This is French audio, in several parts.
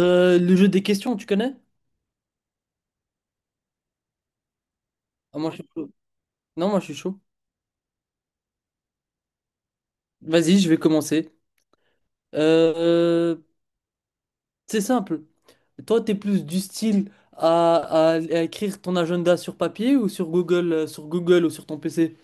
Le jeu des questions, tu connais? Ah, moi, je suis chaud. Non, moi je suis chaud. Vas-y, je vais commencer. Euh, c'est simple. Toi, t'es plus du style à, à écrire ton agenda sur papier ou sur Google ou sur ton PC?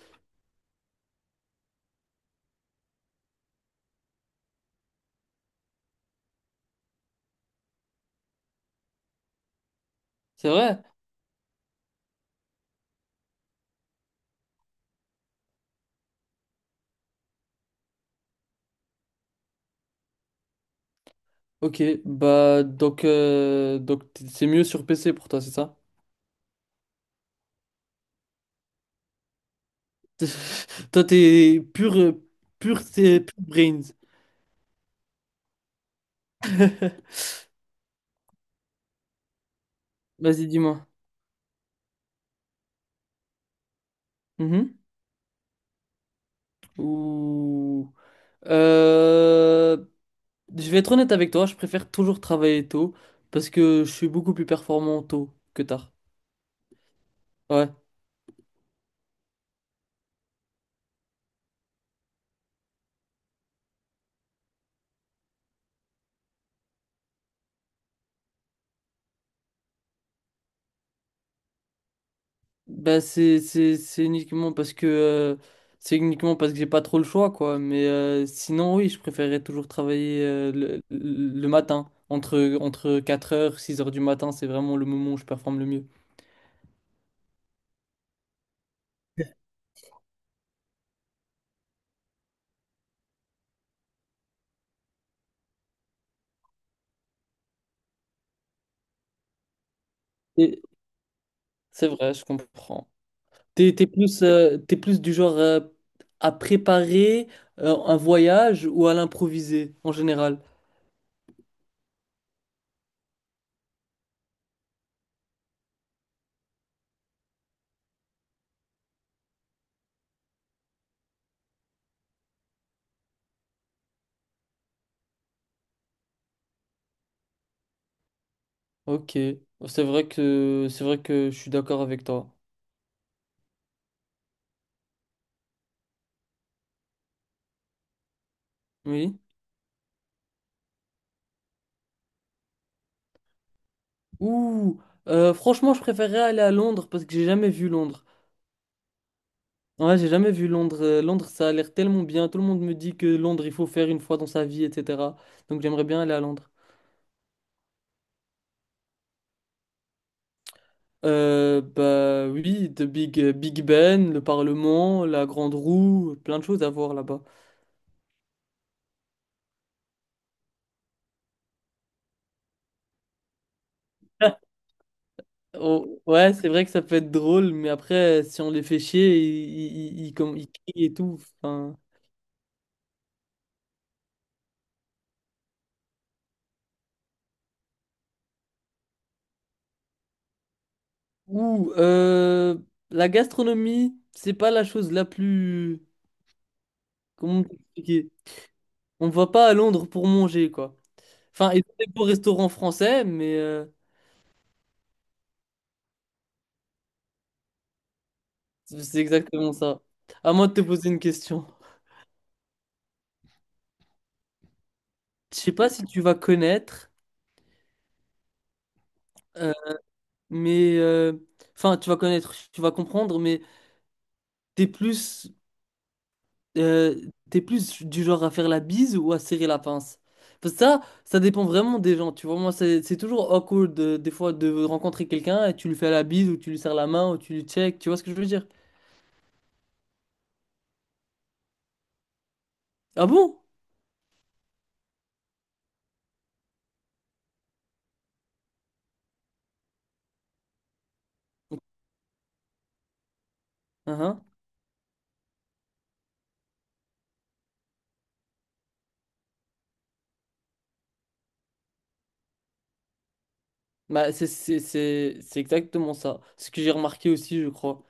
C'est vrai? Ok, bah donc c'est mieux sur PC pour toi, c'est ça? Toi, t'es pur, pur, c'est pur brains. Vas-y, dis-moi. Mhm. Ou... Euh, Je vais être honnête avec toi, je préfère toujours travailler tôt parce que je suis beaucoup plus performant tôt que tard. Ouais. Bah c'est uniquement parce que c'est uniquement parce que j'ai pas trop le choix quoi, mais sinon oui, je préférerais toujours travailler le matin entre quatre heures six heures du matin, c'est vraiment le moment où je performe le mieux. Et c'est vrai, je comprends. T'es plus t'es plus du genre à préparer un voyage ou à l'improviser en général? Ok, c'est vrai que je suis d'accord avec toi. Oui. Ouh, franchement, je préférerais aller à Londres parce que j'ai jamais vu Londres. Ouais, j'ai jamais vu Londres. Londres, ça a l'air tellement bien. Tout le monde me dit que Londres, il faut faire une fois dans sa vie, etc. Donc j'aimerais bien aller à Londres. Bah oui, de Big Ben, le Parlement, la Grande Roue, plein de choses à voir là-bas. Oh, ouais, c'est vrai que ça peut être drôle, mais après, si on les fait chier, ils crient et tout. Enfin, Ou la gastronomie, c'est pas la chose la plus... Comment t'expliquer? On va pas à Londres pour manger, quoi. Enfin, il y a des beaux restaurants français, mais c'est exactement ça. À moi de te poser une question. Je sais pas si tu vas connaître, euh, mais... enfin, tu vas connaître, tu vas comprendre, mais t'es plus Euh, t'es plus du genre à faire la bise ou à serrer la pince? Parce que ça dépend vraiment des gens, tu vois. Moi, c'est toujours awkward des fois de rencontrer quelqu'un et tu lui fais la bise ou tu lui serres la main ou tu lui check, tu vois ce que je veux dire? Ah bon? Uhum. Bah, c'est exactement ça. Ce que j'ai remarqué aussi, je crois.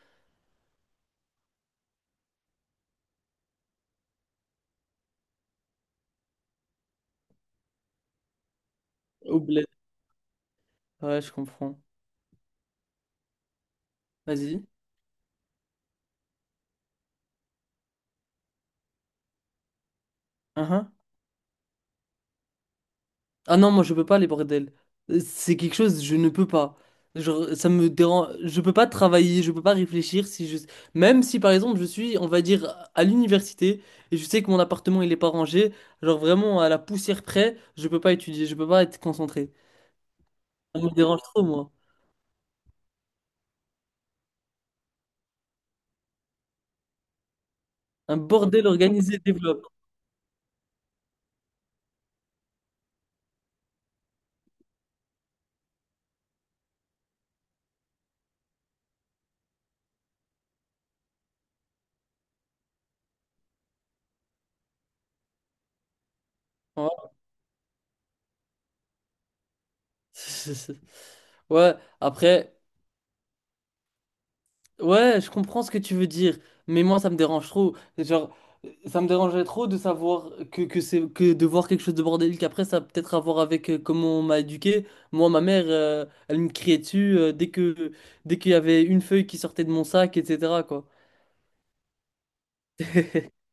Au bled. Ouais, je comprends. Vas-y. Ah non, moi je peux pas les bordels. C'est quelque chose, je ne peux pas. Genre, ça me dérange. Je peux pas travailler, je peux pas réfléchir si je. Même si par exemple je suis, on va dire, à l'université et je sais que mon appartement il est pas rangé, genre vraiment à la poussière près, je peux pas étudier, je peux pas être concentré. Ça me dérange trop, moi. Un bordel organisé développe. Voilà. Ouais, après. Ouais, je comprends ce que tu veux dire, mais moi ça me dérange trop. Genre, ça me dérangerait trop de savoir que c'est que de voir quelque chose de bordélique après, ça a peut-être à voir avec comment on m'a éduqué. Moi, ma mère, elle me criait dessus dès qu'il y avait une feuille qui sortait de mon sac, etc. quoi.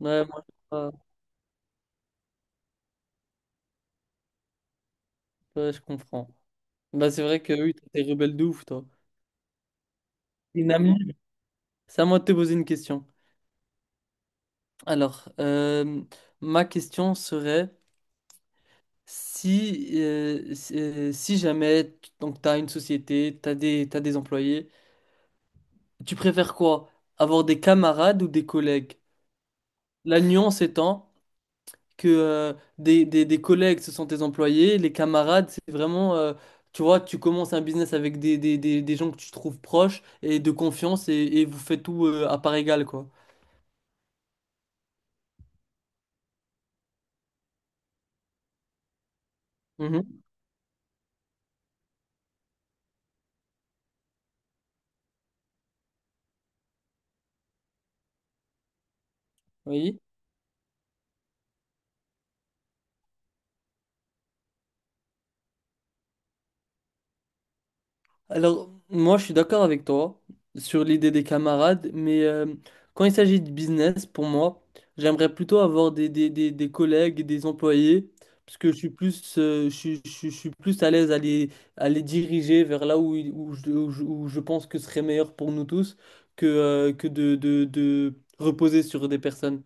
Ouais, moi, euh, ouais, je comprends. Bah, c'est vrai que oui, toi, t'es rebelle de ouf, toi. Une amie. C'est à moi de te poser une question. Alors, ma question serait. Si, si jamais donc t'as une société, t'as t'as des employés, tu préfères quoi? Avoir des camarades ou des collègues? La nuance étant que des collègues, ce sont tes employés, les camarades, c'est vraiment, tu vois, tu commences un business avec des gens que tu trouves proches et de confiance et vous faites tout à part égale, quoi. Mhm. Oui. Alors, moi, je suis d'accord avec toi sur l'idée des camarades, mais quand il s'agit de business, pour moi, j'aimerais plutôt avoir des collègues, et des employés, parce que je suis plus, je suis plus à l'aise à les diriger vers là où, où, où où je pense que ce serait meilleur pour nous tous que de reposer sur des personnes.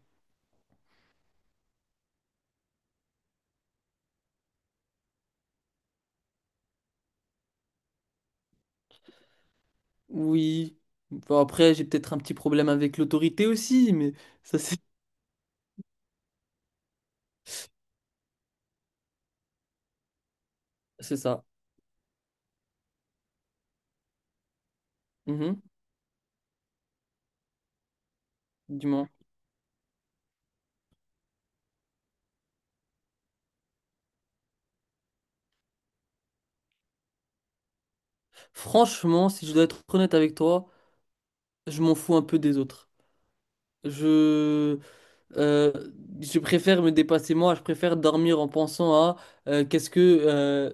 Oui, bon, après, j'ai peut-être un petit problème avec l'autorité aussi, mais ça, c'est c'est ça. Mhm. Dis-moi. Franchement, si je dois être honnête avec toi, je m'en fous un peu des autres. Je... Euh, je préfère me dépasser moi, je préfère dormir en pensant à euh, qu'est-ce que euh,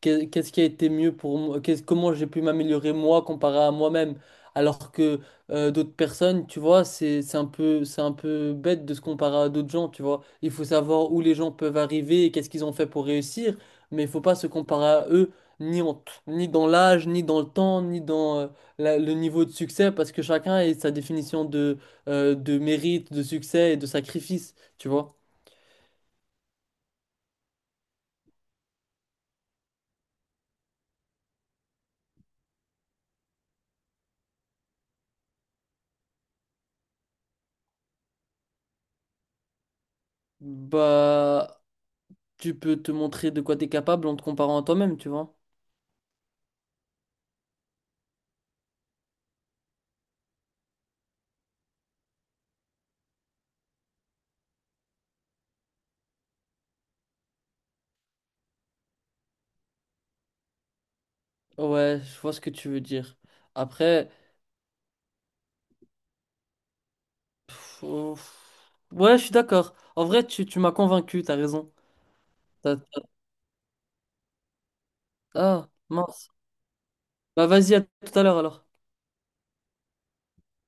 qu'est-ce qui a été mieux pour moi, comment j'ai pu m'améliorer moi comparé à moi-même, alors que d'autres personnes, tu vois, c'est un peu bête de se comparer à d'autres gens, tu vois. Il faut savoir où les gens peuvent arriver et qu'est-ce qu'ils ont fait pour réussir, mais il faut pas se comparer à eux ni dans l'âge, ni dans le temps, ni dans le niveau de succès, parce que chacun a sa définition de mérite, de succès et de sacrifice, tu vois. Bah, tu peux te montrer de quoi t'es capable en te comparant à toi-même, tu vois. Ouais, je vois ce que tu veux dire. Après, ouais, je suis d'accord. En vrai, tu m'as convaincu, t'as raison. T'as- t'as- Ah, mince. Bah, vas-y, à tout à l'heure alors.